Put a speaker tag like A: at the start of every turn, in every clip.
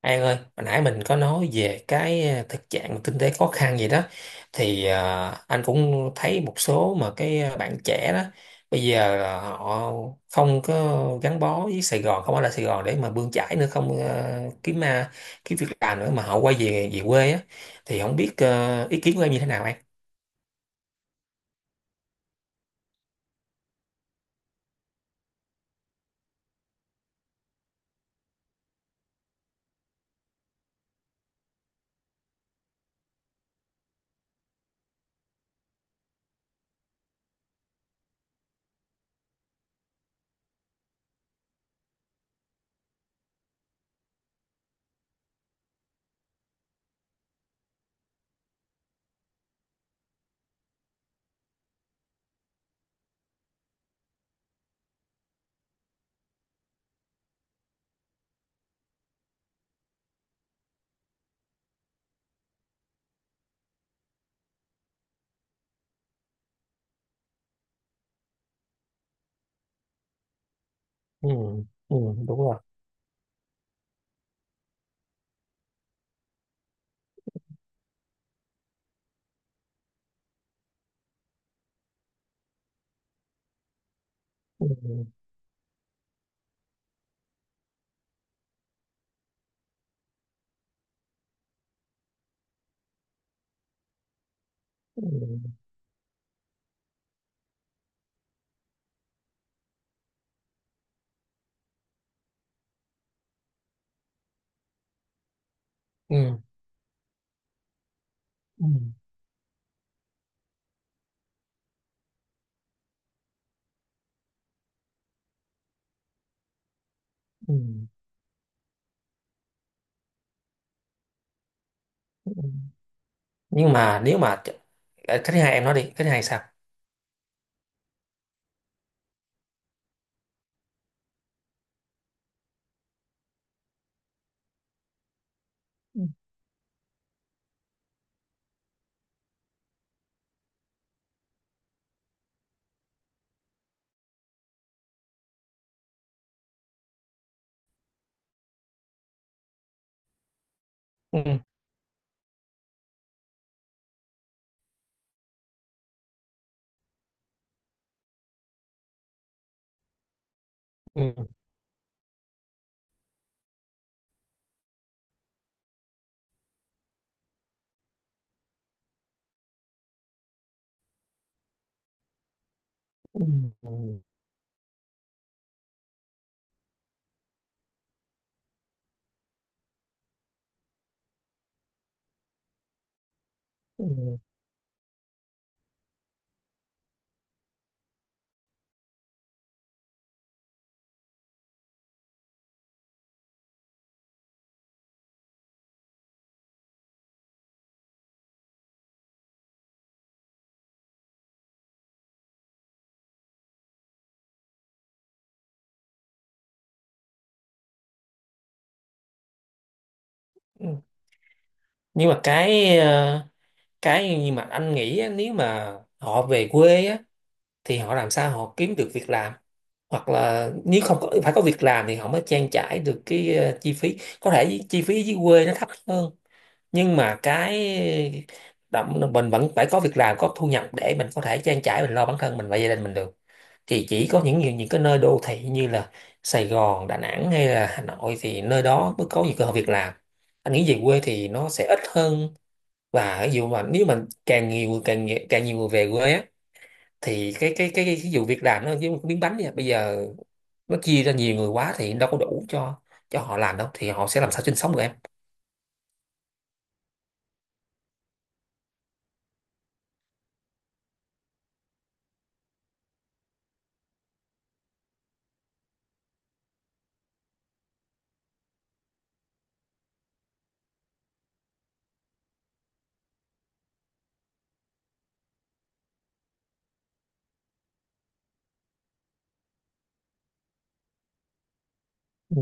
A: An ơi, hồi nãy mình có nói về cái thực trạng kinh tế khó khăn gì đó, thì anh cũng thấy một số mà cái bạn trẻ đó bây giờ là họ không có gắn bó với Sài Gòn, không ở lại Sài Gòn để mà bươn chải nữa, không kiếm việc làm nữa mà họ quay về về quê á, thì không biết ý kiến của em như thế nào anh? Ừ, ừ, đúng rồi. Ừ, ừ, ừ, ừ, ừ. Nhưng mà nếu mà cái thứ hai em nói đi, cái thứ hai sao? Ừ. Ừ, ừ, ừ, ừ. Nhưng mà cái cái nhưng mà anh nghĩ á, nếu mà họ về quê á thì họ làm sao họ kiếm được việc làm, hoặc là nếu không có, phải có việc làm thì họ mới trang trải được cái chi phí, có thể chi phí dưới quê nó thấp hơn, nhưng mà cái mình vẫn phải có việc làm, có thu nhập để mình có thể trang trải, mình lo bản thân mình và gia đình mình được, thì chỉ có những cái nơi đô thị như là Sài Gòn, Đà Nẵng hay là Hà Nội thì nơi đó mới có nhiều cơ hội việc làm. Anh nghĩ về quê thì nó sẽ ít hơn, và ví dụ mà nếu mà càng nhiều người về quê á thì cái vụ việc làm nó giống như cái miếng bánh vậy. Bây giờ nó chia ra nhiều người quá thì đâu có đủ cho họ làm đâu, thì họ sẽ làm sao sinh sống được em. Ừ,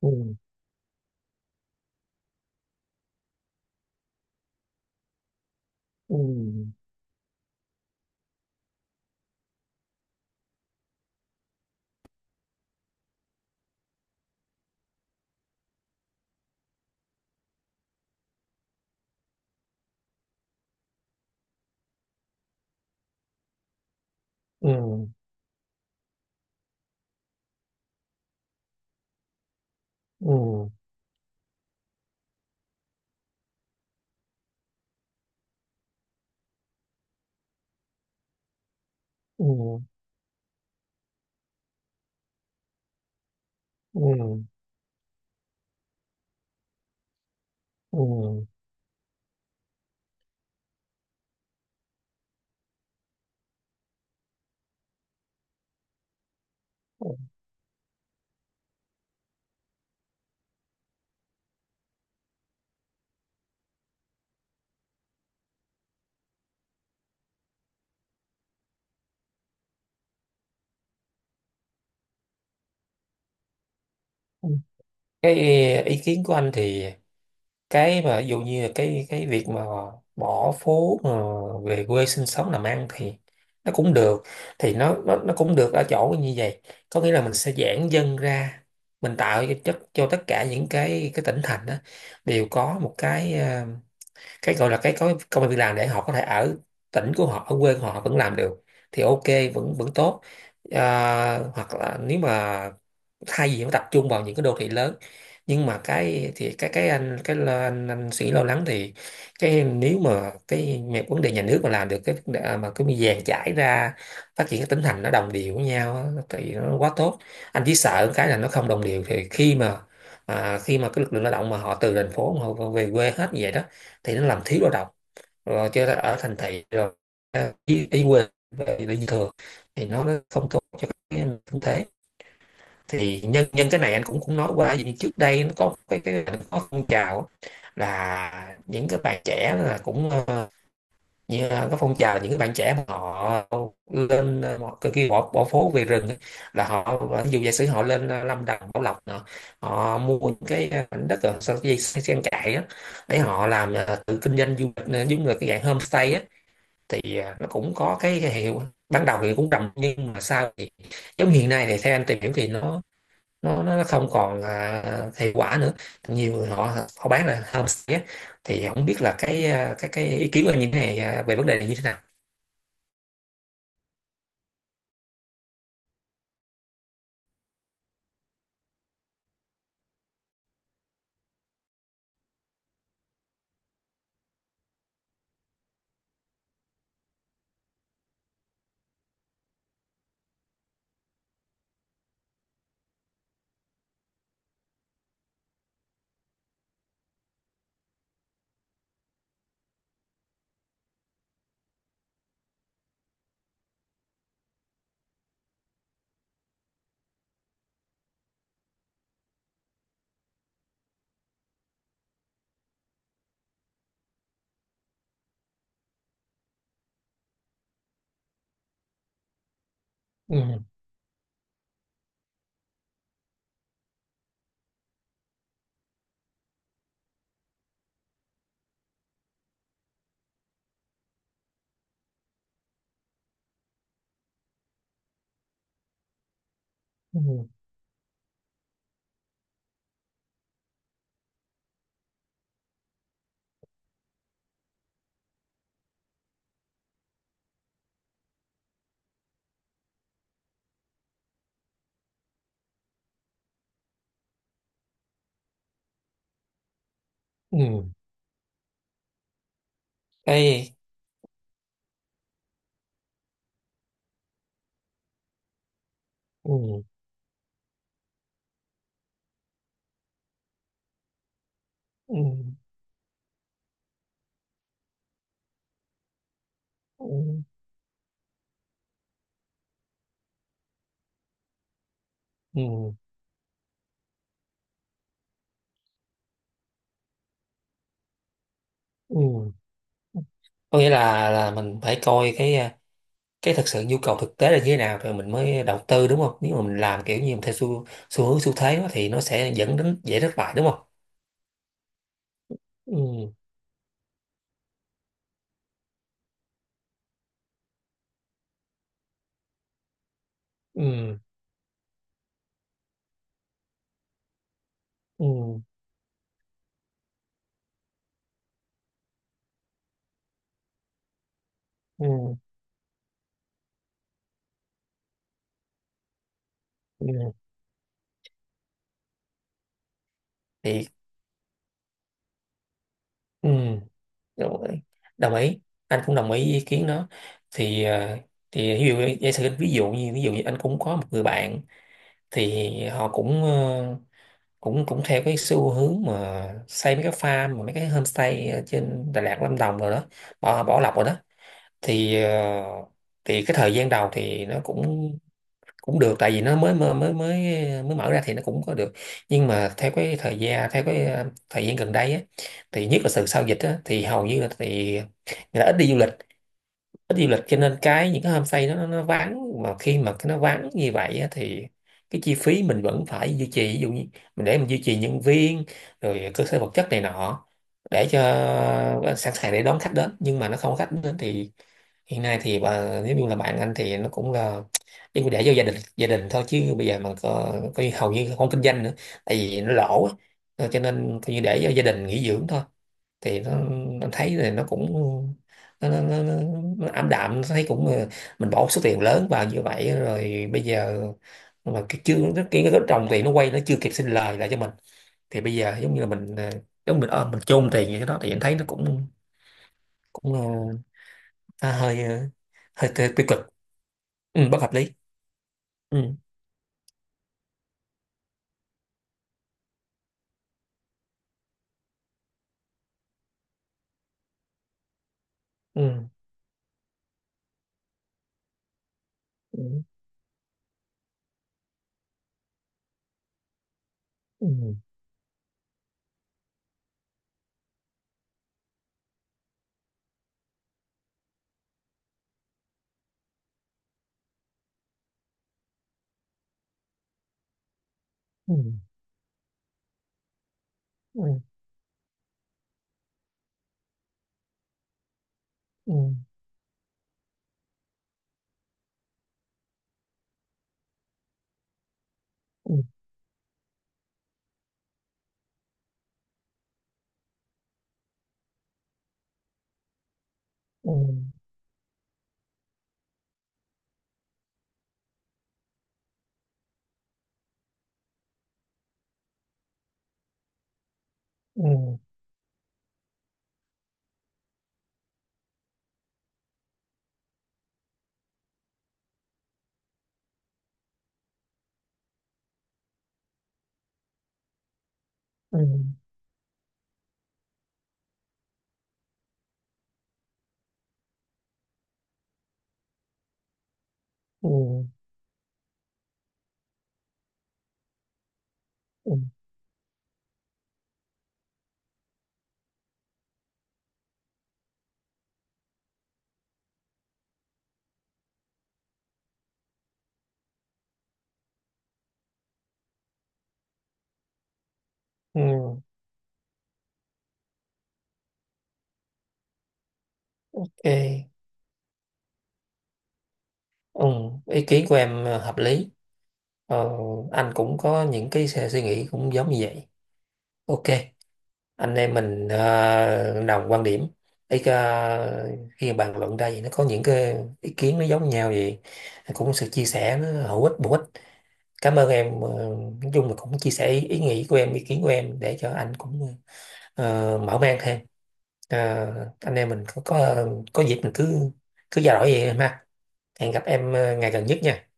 A: ừ, ừ, ừ, ừ, ừ, ừ, ừ, ừ. Cái ý kiến của anh thì cái mà ví dụ như là cái việc mà bỏ phố mà về quê sinh sống làm ăn thì nó cũng được, thì nó cũng được ở chỗ như vậy, có nghĩa là mình sẽ giãn dân ra, mình tạo cho tất cả những cái tỉnh thành đó đều có một cái gọi là cái có công an việc làm để họ có thể ở tỉnh của họ, ở quê của họ vẫn làm được, thì ok, vẫn vẫn tốt. À, hoặc là nếu mà thay vì phải tập trung vào những cái đô thị lớn, nhưng mà cái thì cái anh cái lo, anh suy lo lắng thì cái nếu mà vấn đề nhà nước mà làm được mà cái mi vàng chảy ra, phát triển cái tỉnh thành nó đồng đều với nhau á, thì nó quá tốt. Anh chỉ sợ cái là nó không đồng đều, thì khi mà cái lực lượng lao động mà họ từ thành phố mà họ về quê hết như vậy đó thì nó làm thiếu lao động, rồi chứ ở thành thị rồi à, đi quê về đi thừa, thì nó không tốt cho cái kinh tế. Thì nhân nhân cái này anh cũng cũng nói qua, vì trước đây nó có cái nó có phong trào là những cái bạn trẻ là cũng như là có phong trào những cái bạn trẻ mà họ lên cái kia bỏ bỏ phố về rừng á, là họ ví dụ giả sử họ lên Lâm Đồng Bảo Lộc nọ, họ mua những cái mảnh đất ở sau cái dây trang trại á, để họ làm tự kinh doanh du lịch, giống như là cái dạng homestay á, thì nó cũng có cái hiệu, ban đầu thì cũng rầm nhưng mà sau thì giống hiện nay thì theo anh tìm hiểu thì nó không còn à, hiệu quả nữa, nhiều người họ họ bán là homestay á. Thì không biết là cái à, cái cái ý kiến của anh như thế này à, về vấn đề này như thế nào. Ừ, ừ, ừ, cái ừ, ừ, ừ, ừ, ừ. Có nghĩa là mình phải coi cái thực sự nhu cầu thực tế là như thế nào rồi mình mới đầu tư đúng không, nếu mà mình làm kiểu như mình theo xu xu hướng xu thế đó, thì nó sẽ dẫn đến dễ thất bại đúng không? Ừ, ừ, ừ, ừ, ừ, thì ừ, rồi, đồng ý, anh cũng đồng ý với ý kiến đó. Thì thì ví dụ giả sử ví dụ như anh cũng có một người bạn, thì họ cũng cũng cũng theo cái xu hướng mà xây mấy cái farm mà mấy cái homestay ở trên Đà Lạt Lâm Đồng rồi đó, bỏ bỏ lọc rồi đó, thì thì cái thời gian đầu thì nó cũng cũng được, tại vì nó mới mới mới mới mới mở ra thì nó cũng có được, nhưng mà theo cái thời gian, theo cái thời gian gần đây á, thì nhất là từ sau dịch á, thì hầu như là thì người ta ít đi du lịch, ít đi du lịch cho nên cái những cái homestay nó vắng, mà khi mà cái nó vắng như vậy á, thì cái chi phí mình vẫn phải duy trì, ví dụ như mình để mình duy trì nhân viên, rồi cơ sở vật chất này nọ, để cho sẵn sàng để đón khách đến, nhưng mà nó không có khách đến, thì hiện nay thì nếu như là bạn anh thì nó cũng là đi để cho gia đình thôi, chứ bây giờ mà có như hầu như không kinh doanh nữa, tại vì nó lỗ á. Cho nên coi như để cho gia đình nghỉ dưỡng thôi, thì nó anh thấy thì nó cũng nó, nó, nó, nó, nó ảm đạm, nó thấy cũng mình bỏ số tiền lớn vào như vậy rồi bây giờ mà cái chưa cái, cái trồng tiền nó quay, nó chưa kịp sinh lời lại cho mình, thì bây giờ giống như là mình giống mình mình chôn tiền như thế đó, thì anh thấy nó cũng cũng nó hơi tiêu tiêu cực. Ừ, bất hợp lý. Ừ, ừ, ừ, ừ, ừ, ừ, ừ, ừ, ừ, ừ, ừ, ừ, ừ, ừ, ok, ừ. Ý kiến của em hợp lý. ờ, anh cũng có những cái suy nghĩ cũng giống như vậy. Ok, anh em mình đồng quan điểm, ý khi bàn luận ra vậy nó có những cái ý kiến nó giống nhau vậy, cũng sự chia sẻ nó hữu ích, bổ ích. Cảm ơn em, nói chung là cũng chia sẻ ý nghĩ của em, ý kiến của em, để cho anh cũng mở mang thêm. Ờ, anh em mình có dịp mình cứ cứ trao đổi vậy em ha, hẹn gặp em ngày gần nhất nha.